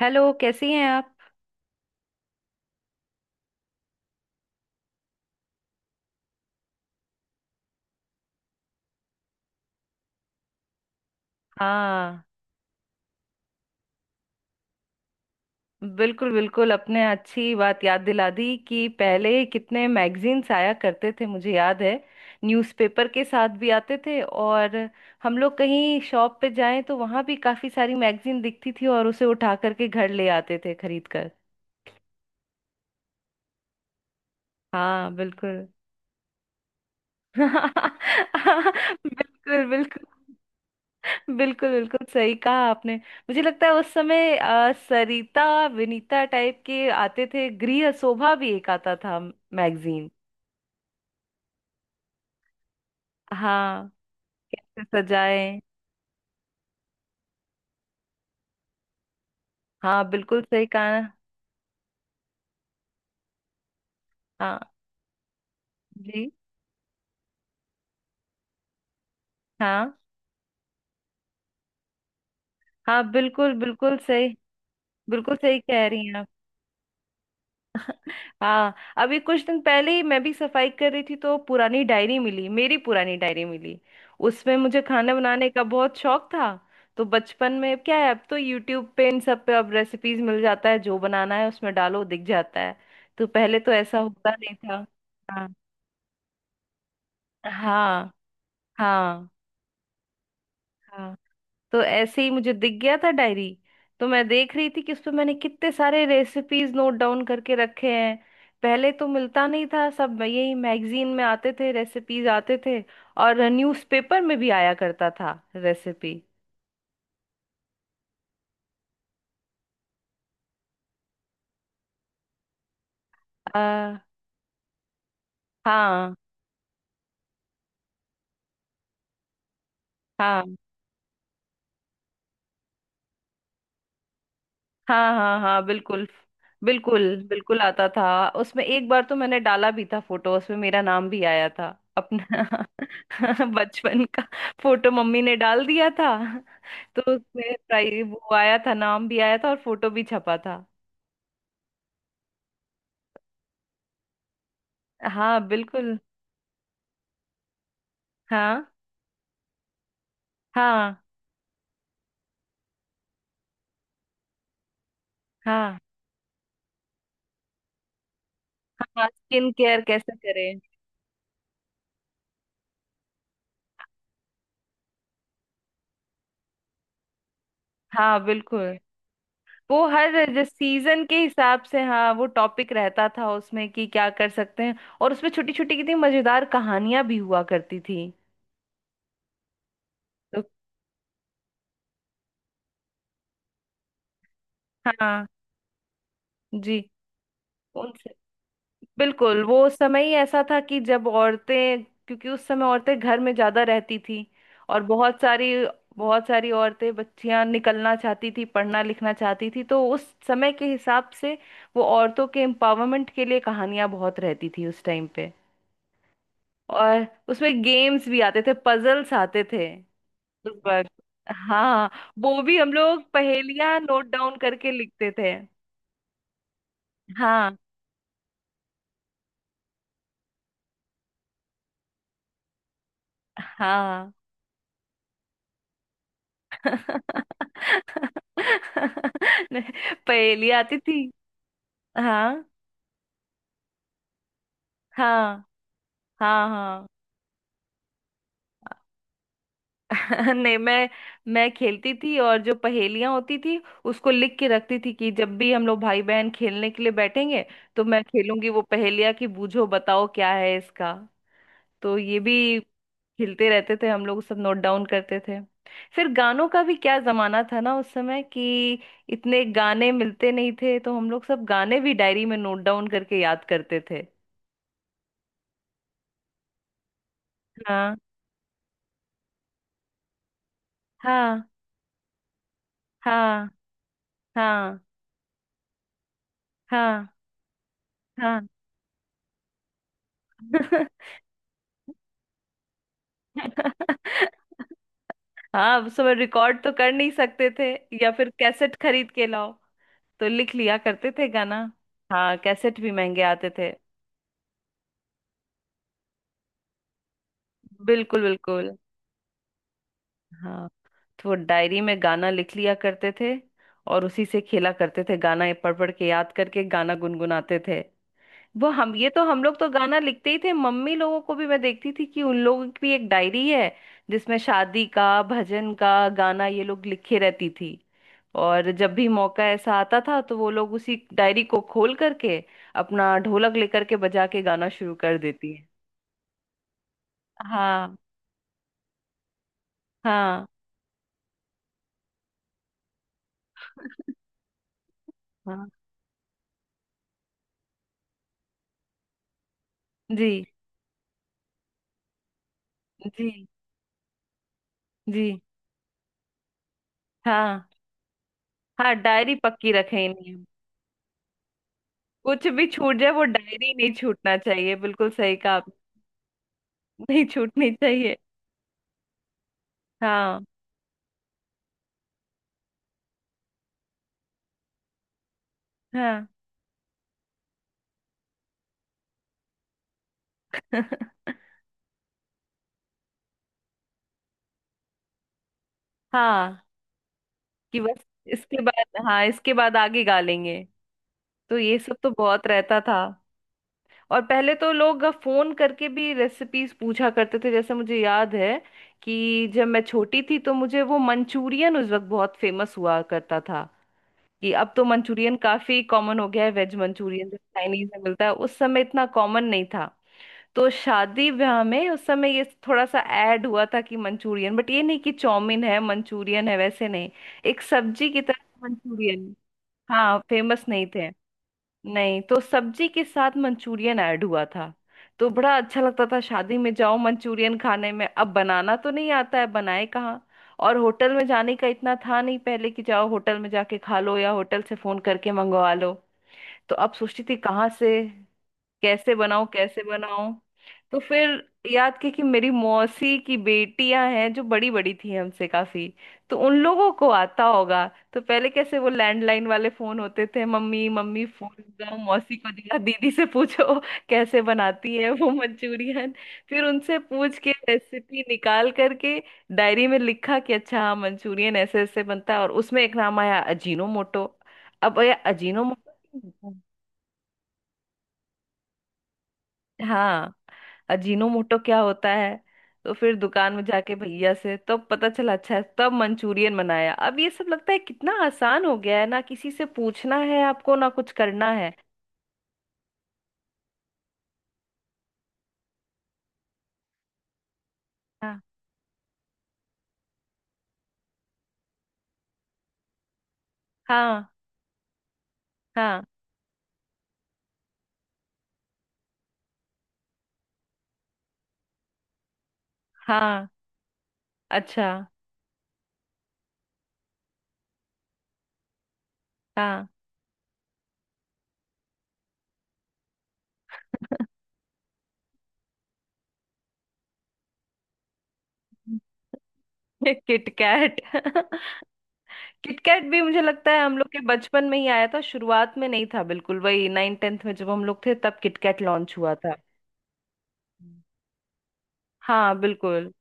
Hello, कैसी हैं आप। हाँ, बिल्कुल बिल्कुल। अपने अच्छी बात याद दिला दी कि पहले कितने मैगजीन्स आया करते थे, मुझे याद है। न्यूज़पेपर के साथ भी आते थे, और हम लोग कहीं शॉप पे जाएं तो वहाँ भी काफ़ी सारी मैगजीन दिखती थी, और उसे उठा करके घर ले आते थे खरीद कर। हाँ, बिल्कुल। बिल्कुल बिल्कुल। बिल्कुल बिल्कुल सही कहा आपने। मुझे लगता है उस समय सरिता विनीता टाइप के आते थे, गृह शोभा भी एक आता था मैगजीन। हाँ, कैसे सजाए। हाँ, बिल्कुल सही कहा। हाँ, जी। हाँ हाँ, बिल्कुल बिल्कुल सही। बिल्कुल सही कह रही हैं आप। हाँ, अभी कुछ दिन पहले ही मैं भी सफाई कर रही थी तो पुरानी डायरी मिली, मेरी पुरानी डायरी मिली। उसमें मुझे खाना बनाने का बहुत शौक था। तो बचपन में क्या है, अब तो यूट्यूब पे इन सब पे अब रेसिपीज मिल जाता है, जो बनाना है उसमें डालो दिख जाता है। तो पहले तो ऐसा होता नहीं था। हाँ हाँ। हाँ हाँ। तो ऐसे ही मुझे दिख गया था डायरी। तो मैं देख रही थी कि उस पे मैंने कितने सारे रेसिपीज नोट डाउन करके रखे हैं। पहले तो मिलता नहीं था, सब यही मैगजीन में आते थे, रेसिपीज आते थे। और न्यूज़पेपर में भी आया करता था रेसिपी। आ, हाँ। हाँ हाँ हाँ। हाँ, बिल्कुल बिल्कुल। बिल्कुल आता था, उसमें एक बार तो मैंने डाला भी था फोटो, उसमें मेरा नाम भी आया था अपना। बचपन का फोटो मम्मी ने डाल दिया था। तो उसमें वो आया था, नाम भी आया था और फोटो भी छपा था। हाँ, बिल्कुल। हाँ हाँ हाँ। हाँ, स्किन केयर कैसे करें। हाँ, बिल्कुल। वो हर जो सीजन के हिसाब से, हाँ, वो टॉपिक रहता था उसमें कि क्या कर सकते हैं। और उसमें छोटी छोटी कितनी मजेदार कहानियां भी हुआ करती थी। तो हाँ, जी, उनसे। बिल्कुल, वो समय ही ऐसा था कि जब औरतें, क्योंकि उस समय औरतें घर में ज्यादा रहती थी। और बहुत सारी, बहुत सारी औरतें बच्चियां निकलना चाहती थी, पढ़ना लिखना चाहती थी, तो उस समय के हिसाब से वो औरतों के एम्पावरमेंट के लिए कहानियां बहुत रहती थी उस टाइम पे। और उसमें गेम्स भी आते थे, पजल्स आते थे उस वक्त। हाँ, वो भी हम लोग पहेलियां नोट डाउन करके लिखते थे। हाँ हाँ। नहीं, पहेली आती थी। हाँ हाँ हाँ हाँ। नहीं, मैं खेलती थी, और जो पहेलियां होती थी उसको लिख के रखती थी कि जब भी हम लोग भाई बहन खेलने के लिए बैठेंगे तो मैं खेलूंगी वो पहेलियां कि बूझो बताओ क्या है इसका। तो ये भी खेलते रहते थे हम लोग, सब नोट डाउन करते थे। फिर गानों का भी क्या जमाना था ना उस समय कि इतने गाने मिलते नहीं थे, तो हम लोग सब गाने भी डायरी में नोट डाउन करके याद करते थे। हाँ हाँ। हाँ हाँ। हाँ हाँ। हाँ, उस समय रिकॉर्ड तो कर नहीं सकते थे। या फिर कैसेट खरीद के लाओ, तो लिख लिया करते थे गाना। हाँ, कैसेट भी महंगे आते थे। बिल्कुल बिल्कुल। हाँ, तो वो डायरी में गाना लिख लिया करते थे। और उसी से खेला करते थे गाना, ये पढ़ पढ़ के याद करके गाना गुनगुनाते थे। वो हम, ये तो हम लोग तो गाना लिखते ही थे, मम्मी लोगों को भी मैं देखती थी कि उन लोगों की भी एक डायरी है जिसमें शादी का, भजन का गाना ये लोग लिखे रहती थी। और जब भी मौका ऐसा आता था तो वो लोग उसी डायरी को खोल करके अपना ढोलक लेकर के बजा के गाना शुरू कर देती है। हाँ। हाँ। हाँ, जी। जी, जी। हाँ। हाँ, डायरी पक्की रखेंगे। कुछ भी छूट जाए, वो डायरी नहीं छूटना चाहिए, बिल्कुल सही कहा आपने। नहीं छूटनी चाहिए। हाँ। हाँ। हाँ, कि बस इसके बाद, हाँ, इसके बाद आगे गालेंगे। तो ये सब तो बहुत रहता था। और पहले तो लोग फोन करके भी रेसिपीज पूछा करते थे, जैसे मुझे याद है कि जब मैं छोटी थी तो मुझे वो मंचूरियन उस वक्त बहुत फेमस हुआ करता था। कि अब तो मंचूरियन काफी कॉमन हो गया है, वेज मंचूरियन जो चाइनीज में मिलता है, उस समय इतना कॉमन नहीं था। तो शादी ब्याह में उस समय ये थोड़ा सा ऐड हुआ था कि मंचूरियन, बट ये नहीं कि चाउमीन है मंचूरियन है, वैसे नहीं। एक सब्जी की तरह मंचूरियन। हाँ, फेमस नहीं थे। नहीं तो सब्जी के साथ मंचूरियन ऐड हुआ था। तो बड़ा अच्छा लगता था शादी में जाओ मंचूरियन खाने में, अब बनाना तो नहीं आता है, बनाए कहाँ। और होटल में जाने का इतना था नहीं पहले कि जाओ होटल में जाके खा लो या होटल से फोन करके मंगवा लो। तो अब सोचती थी कहाँ से, कैसे बनाऊं कैसे बनाऊं। तो फिर याद की कि मेरी मौसी की बेटियां हैं जो बड़ी बड़ी थी हमसे काफी, तो उन लोगों को आता होगा। तो पहले कैसे वो लैंडलाइन वाले फोन होते थे, मम्मी मम्मी फोन लगाओ मौसी को, दिखा दीदी से पूछो कैसे बनाती है वो मंचूरियन। फिर उनसे पूछ के रेसिपी निकाल करके डायरी में लिखा कि अच्छा हाँ, मंचूरियन ऐसे ऐसे बनता है, और उसमें एक नाम आया अजीनोमोटो। अब ये अजीनोमोटो, हाँ, अजीनोमोटो क्या होता है। तो फिर दुकान में जाके भैया से तब पता चला, अच्छा है, तब मंचूरियन बनाया। अब ये सब लगता है कितना आसान हो गया है ना, किसी से पूछना है आपको ना कुछ करना है। हाँ। हाँ हाँ। हाँ, अच्छा। हाँ। किटकैट। किटकैट भी मुझे लगता है हम लोग के बचपन में ही आया था, शुरुआत में नहीं था बिल्कुल, वही नाइन टेंथ में जब हम लोग थे तब किटकैट लॉन्च हुआ था। हाँ, बिल्कुल।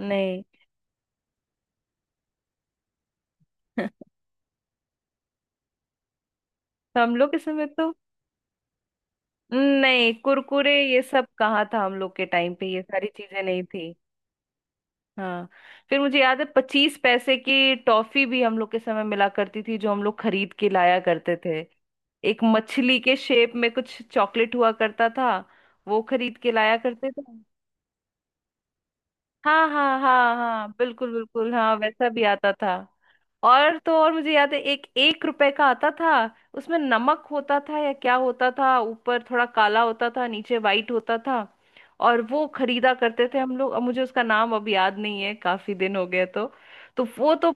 नहीं। तो हम लोग के समय तो, नहीं कुरकुरे ये सब कहाँ था, हम लोग के टाइम पे ये सारी चीजें नहीं थी। हाँ, फिर मुझे याद है पच्चीस पैसे की टॉफी भी हम लोग के समय मिला करती थी, जो हम लोग खरीद के लाया करते थे। एक मछली के शेप में कुछ चॉकलेट हुआ करता था, वो खरीद के लाया करते थे। हाँ हाँ हाँ हाँ, बिल्कुल बिल्कुल, हाँ वैसा भी आता था। और तो और, मुझे याद है एक एक रुपए का आता था, उसमें नमक होता था या क्या होता था, ऊपर थोड़ा काला होता था, नीचे वाइट होता था। और वो खरीदा करते थे हम लोग, अब मुझे उसका नाम अब याद नहीं है, काफी दिन हो गए तो। तो वो तो,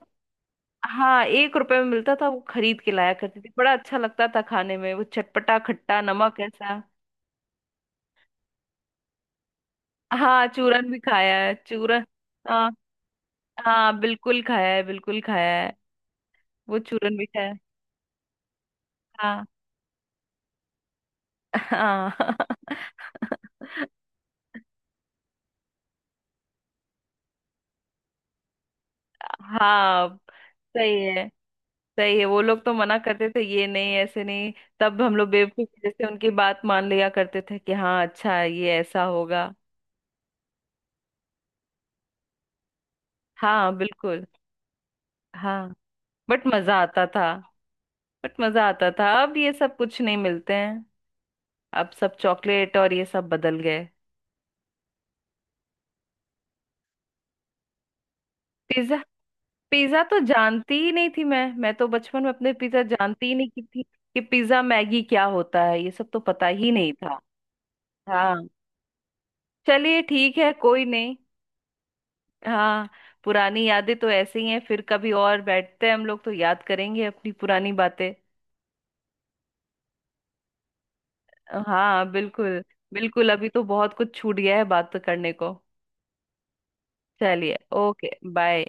हाँ एक रुपए में मिलता था, वो खरीद के लाया करती थी, बड़ा अच्छा लगता था खाने में वो चटपटा खट्टा नमक ऐसा। हाँ, चूरन भी खाया है चूरन। हाँ हाँ, बिल्कुल खाया है, बिल्कुल खाया। वो चूरन मीठा है। हाँ। हाँ। हाँ। सही है, सही है, वो लोग तो मना करते थे, ये नहीं, ऐसे नहीं। तब हम लोग बेवकूफ की जैसे उनकी बात मान लिया करते थे कि हाँ अच्छा है, ये ऐसा होगा। हाँ, बिल्कुल। हाँ, बट मजा आता था। बट मजा आता था, अब ये सब कुछ नहीं मिलते हैं। अब सब चॉकलेट और ये सब बदल गए। पिज्जा। पिज्जा तो जानती ही नहीं थी मैं तो बचपन में अपने पिज्जा जानती ही नहीं की थी कि पिज्जा मैगी क्या होता है, ये सब तो पता ही नहीं था। हाँ, चलिए ठीक है, कोई नहीं। हाँ, पुरानी यादें तो ऐसे ही हैं, फिर कभी और बैठते हैं हम लोग तो याद करेंगे अपनी पुरानी बातें। हाँ, बिल्कुल। बिल्कुल, अभी तो बहुत कुछ छूट गया है बात करने को। चलिए, ओके बाय।